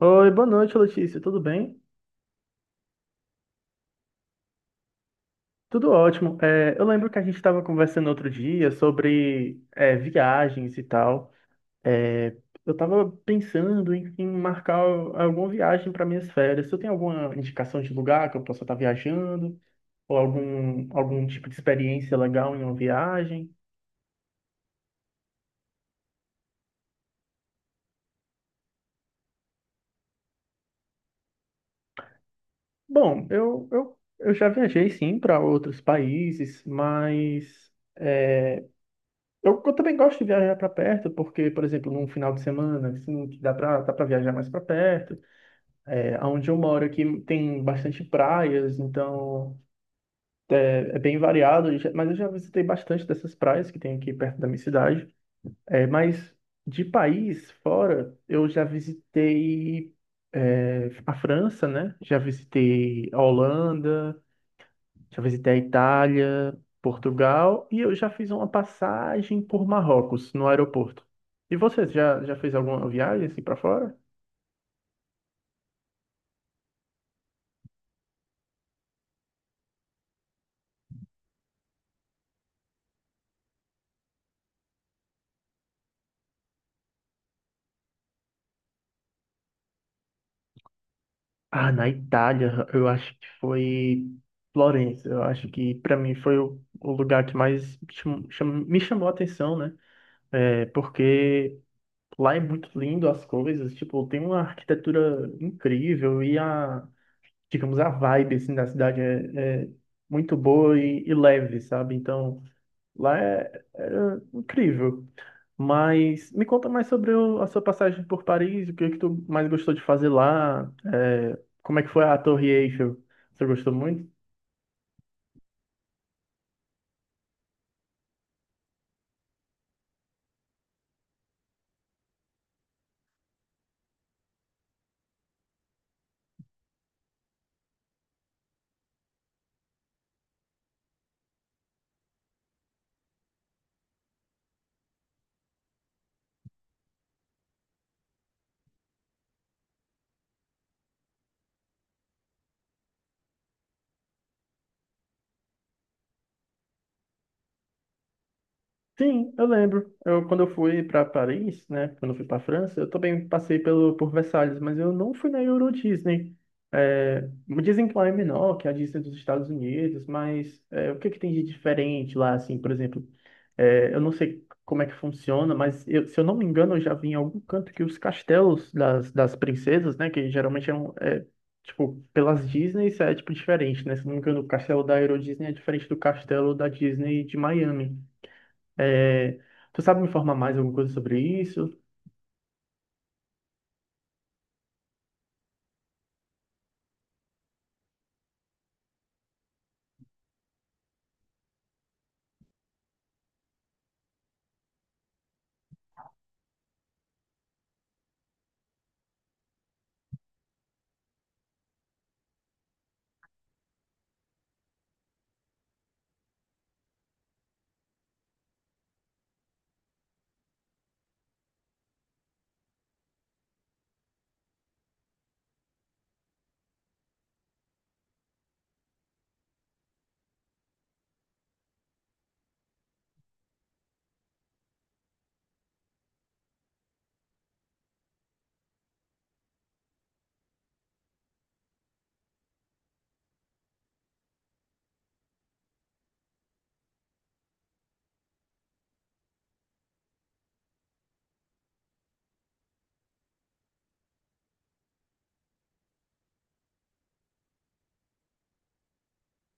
Oi, boa noite, Letícia. Tudo bem? Tudo ótimo. Eu lembro que a gente estava conversando outro dia sobre viagens e tal. É, eu estava pensando em marcar alguma viagem para minhas férias. Você tem alguma indicação de lugar que eu possa estar viajando? Ou algum tipo de experiência legal em uma viagem? Bom, eu já viajei, sim, para outros países, mas. Eu também gosto de viajar para perto, porque, por exemplo, num final de semana, assim, que dá para viajar mais para perto. É, onde eu moro aqui tem bastante praias, então é bem variado, mas eu já visitei bastante dessas praias que tem aqui perto da minha cidade. É, mas de país fora, eu já visitei a França, né? Já visitei a Holanda, já visitei a Itália, Portugal, e eu já fiz uma passagem por Marrocos no aeroporto. E você já fez alguma viagem assim para fora? Ah, na Itália, eu acho que foi Florença. Eu acho que para mim foi o lugar que mais me chamou a atenção, né? É, porque lá é muito lindo as coisas, tipo, tem uma arquitetura incrível e a, digamos, a vibe assim da cidade é muito boa e leve, sabe? Então lá era incrível. Mas me conta mais sobre a sua passagem por Paris, o que é que tu mais gostou de fazer lá, é, como é que foi a Torre Eiffel? Você gostou muito? Sim, eu lembro. Eu, quando eu fui para Paris, né, quando eu fui para França, eu também passei pelo, por Versalhes, mas eu não fui na Euro Disney. É, me dizem que lá é menor que a Disney dos Estados Unidos, mas é, o que é que tem de diferente lá, assim, por exemplo? Eu não sei como é que funciona, mas se eu não me engano, eu já vi em algum canto que os castelos das princesas, né, que geralmente eram, é, tipo, pelas Disney, isso é, tipo, diferente, né? Se eu não me engano, o castelo da Euro Disney é diferente do castelo da Disney de Miami. É, tu sabe me informar mais alguma coisa sobre isso?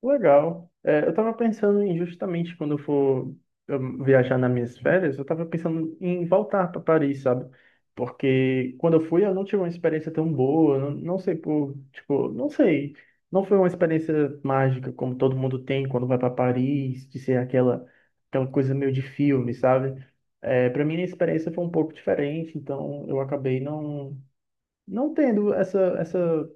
Legal. É, eu tava pensando em justamente quando eu for, viajar nas minhas férias, eu tava pensando em voltar para Paris, sabe? Porque quando eu fui, eu não tive uma experiência tão boa, não, não sei por, tipo, não sei, não foi uma experiência mágica como todo mundo tem quando vai para Paris, de ser aquela coisa meio de filme, sabe? É, para mim a experiência foi um pouco diferente, então eu acabei não tendo essa essa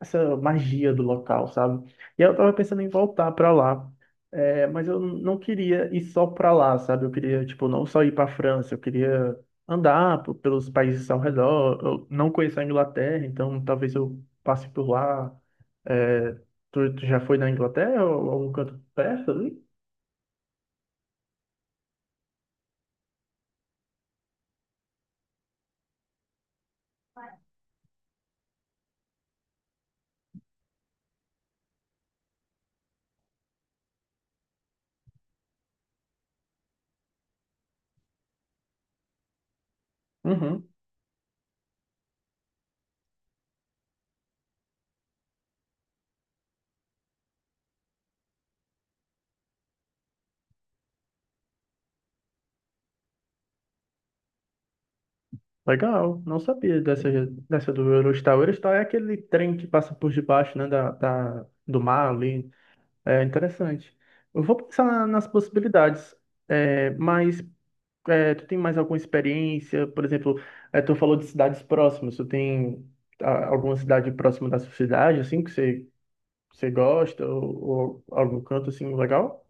essa magia do local, sabe? E eu tava pensando em voltar pra lá, é, mas eu não queria ir só pra lá, sabe? Eu queria, tipo, não só ir pra França, eu queria andar pelos países ao redor. Eu não conheço a Inglaterra, então talvez eu passe por lá. É, tu já foi na Inglaterra ou algum canto perto ali? Uhum. Legal, não sabia dessa do Eurostar. O Eurostar é aquele trem que passa por debaixo, né, do mar ali. É interessante. Eu vou pensar nas possibilidades, é, mas é, tu tem mais alguma experiência? Por exemplo, é, tu falou de cidades próximas. Tu tem, ah, alguma cidade próxima da sua cidade, assim, que você, você gosta ou algum canto assim legal?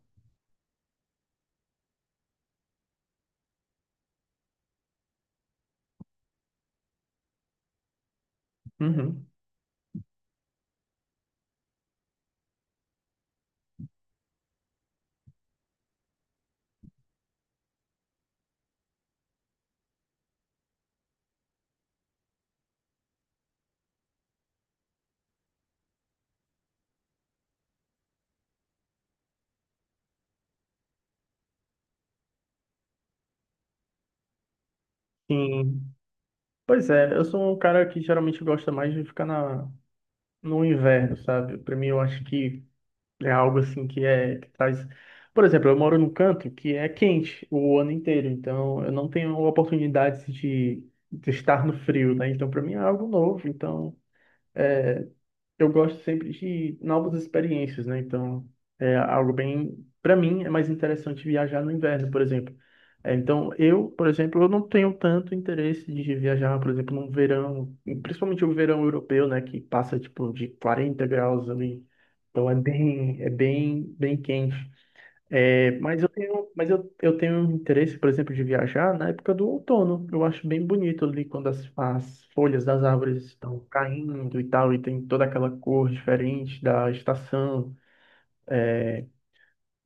Uhum. Sim. Pois é, eu sou um cara que geralmente gosta mais de ficar no inverno, sabe? Para mim, eu acho que é algo assim que é que traz. Por exemplo, eu moro num canto que é quente o ano inteiro, então eu não tenho oportunidades de estar no frio, né? Então para mim é algo novo, então eu gosto sempre de novas experiências, né? Então, é algo bem, para mim, é mais interessante viajar no inverno, por exemplo. É, então, eu, por exemplo, eu não tenho tanto interesse de viajar, por exemplo, no verão, principalmente o verão europeu, né, que passa tipo de 40 graus ali. Então é bem, bem quente. É, mas eu tenho, mas eu tenho um interesse, por exemplo, de viajar na época do outono. Eu acho bem bonito ali quando as folhas das árvores estão caindo e tal, e tem toda aquela cor diferente da estação.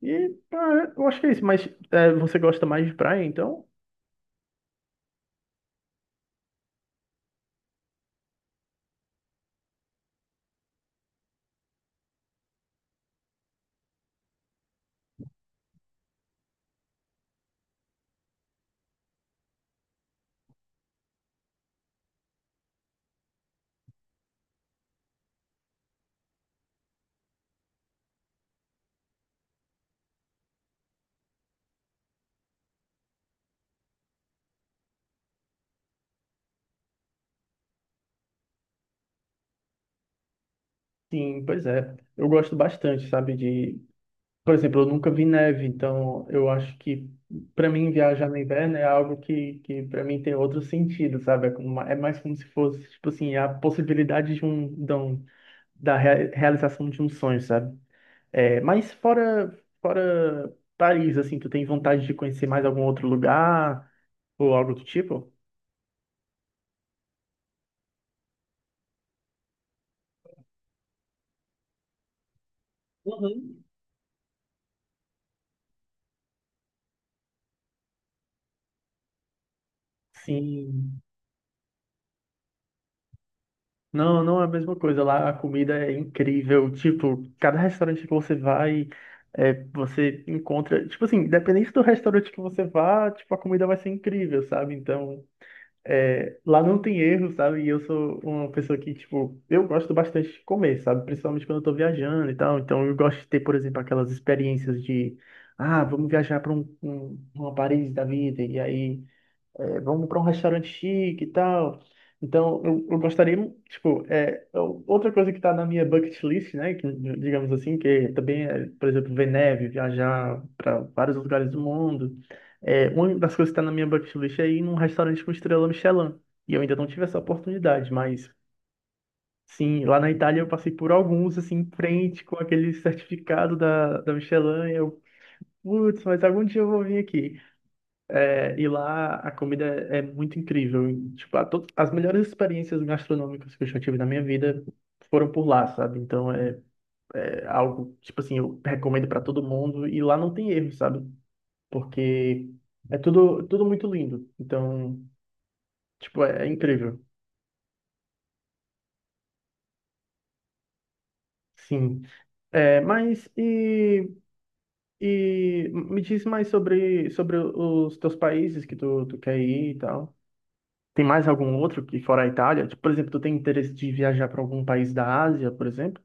E, ah, eu acho que é isso. Mas é, você gosta mais de praia, então? Sim, pois é. Eu gosto bastante, sabe, de, por exemplo, eu nunca vi neve, então eu acho que para mim viajar no inverno é algo que para mim tem outro sentido, sabe? É, é mais como se fosse, tipo assim, a possibilidade de um, da realização de um sonho, sabe? É, mas fora, fora Paris, assim, tu tem vontade de conhecer mais algum outro lugar ou algo do tipo? Uhum. Sim. Não, não é a mesma coisa. Lá a comida é incrível. Tipo, cada restaurante que você vai, é, você encontra. Tipo assim, independente do restaurante que você vá, tipo, a comida vai ser incrível, sabe? Então, é, lá não tem erro, sabe? E eu sou uma pessoa que, tipo, eu gosto bastante de comer, sabe? Principalmente quando eu tô viajando e tal. Então, eu gosto de ter, por exemplo, aquelas experiências de, ah, vamos viajar para um, um, uma Paris da vida. E aí é, vamos para um restaurante chique e tal. Então, eu gostaria, tipo, é, outra coisa que está na minha bucket list, né, que, digamos assim, que também é, por exemplo, ver neve, viajar para vários lugares do mundo. É, uma das coisas que está na minha bucket list é ir num restaurante com estrela Michelin. E eu ainda não tive essa oportunidade, mas sim, lá na Itália eu passei por alguns, assim, em frente com aquele certificado da Michelin. E eu, putz, mas algum dia eu vou vir aqui. É, e lá a comida é muito incrível. E tipo, as melhores experiências gastronômicas que eu já tive na minha vida foram por lá, sabe? Então é, é algo, tipo assim, eu recomendo para todo mundo. E lá não tem erro, sabe? Porque é tudo, tudo muito lindo. Então, tipo, é, é incrível. Sim. É, mas e me diz mais sobre, sobre os teus países que tu quer ir e tal. Tem mais algum outro que fora a Itália? Tipo, por exemplo, tu tem interesse de viajar para algum país da Ásia, por exemplo?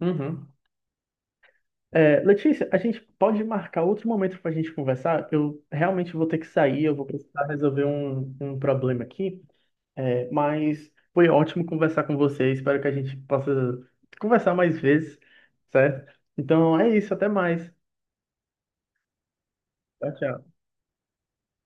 Uhum. É, Letícia, a gente pode marcar outro momento para a gente conversar? Eu realmente vou ter que sair, eu vou precisar resolver um problema aqui. É, mas foi ótimo conversar com você. Espero que a gente possa conversar mais vezes, certo? Então é isso, até mais. Tchau, tchau.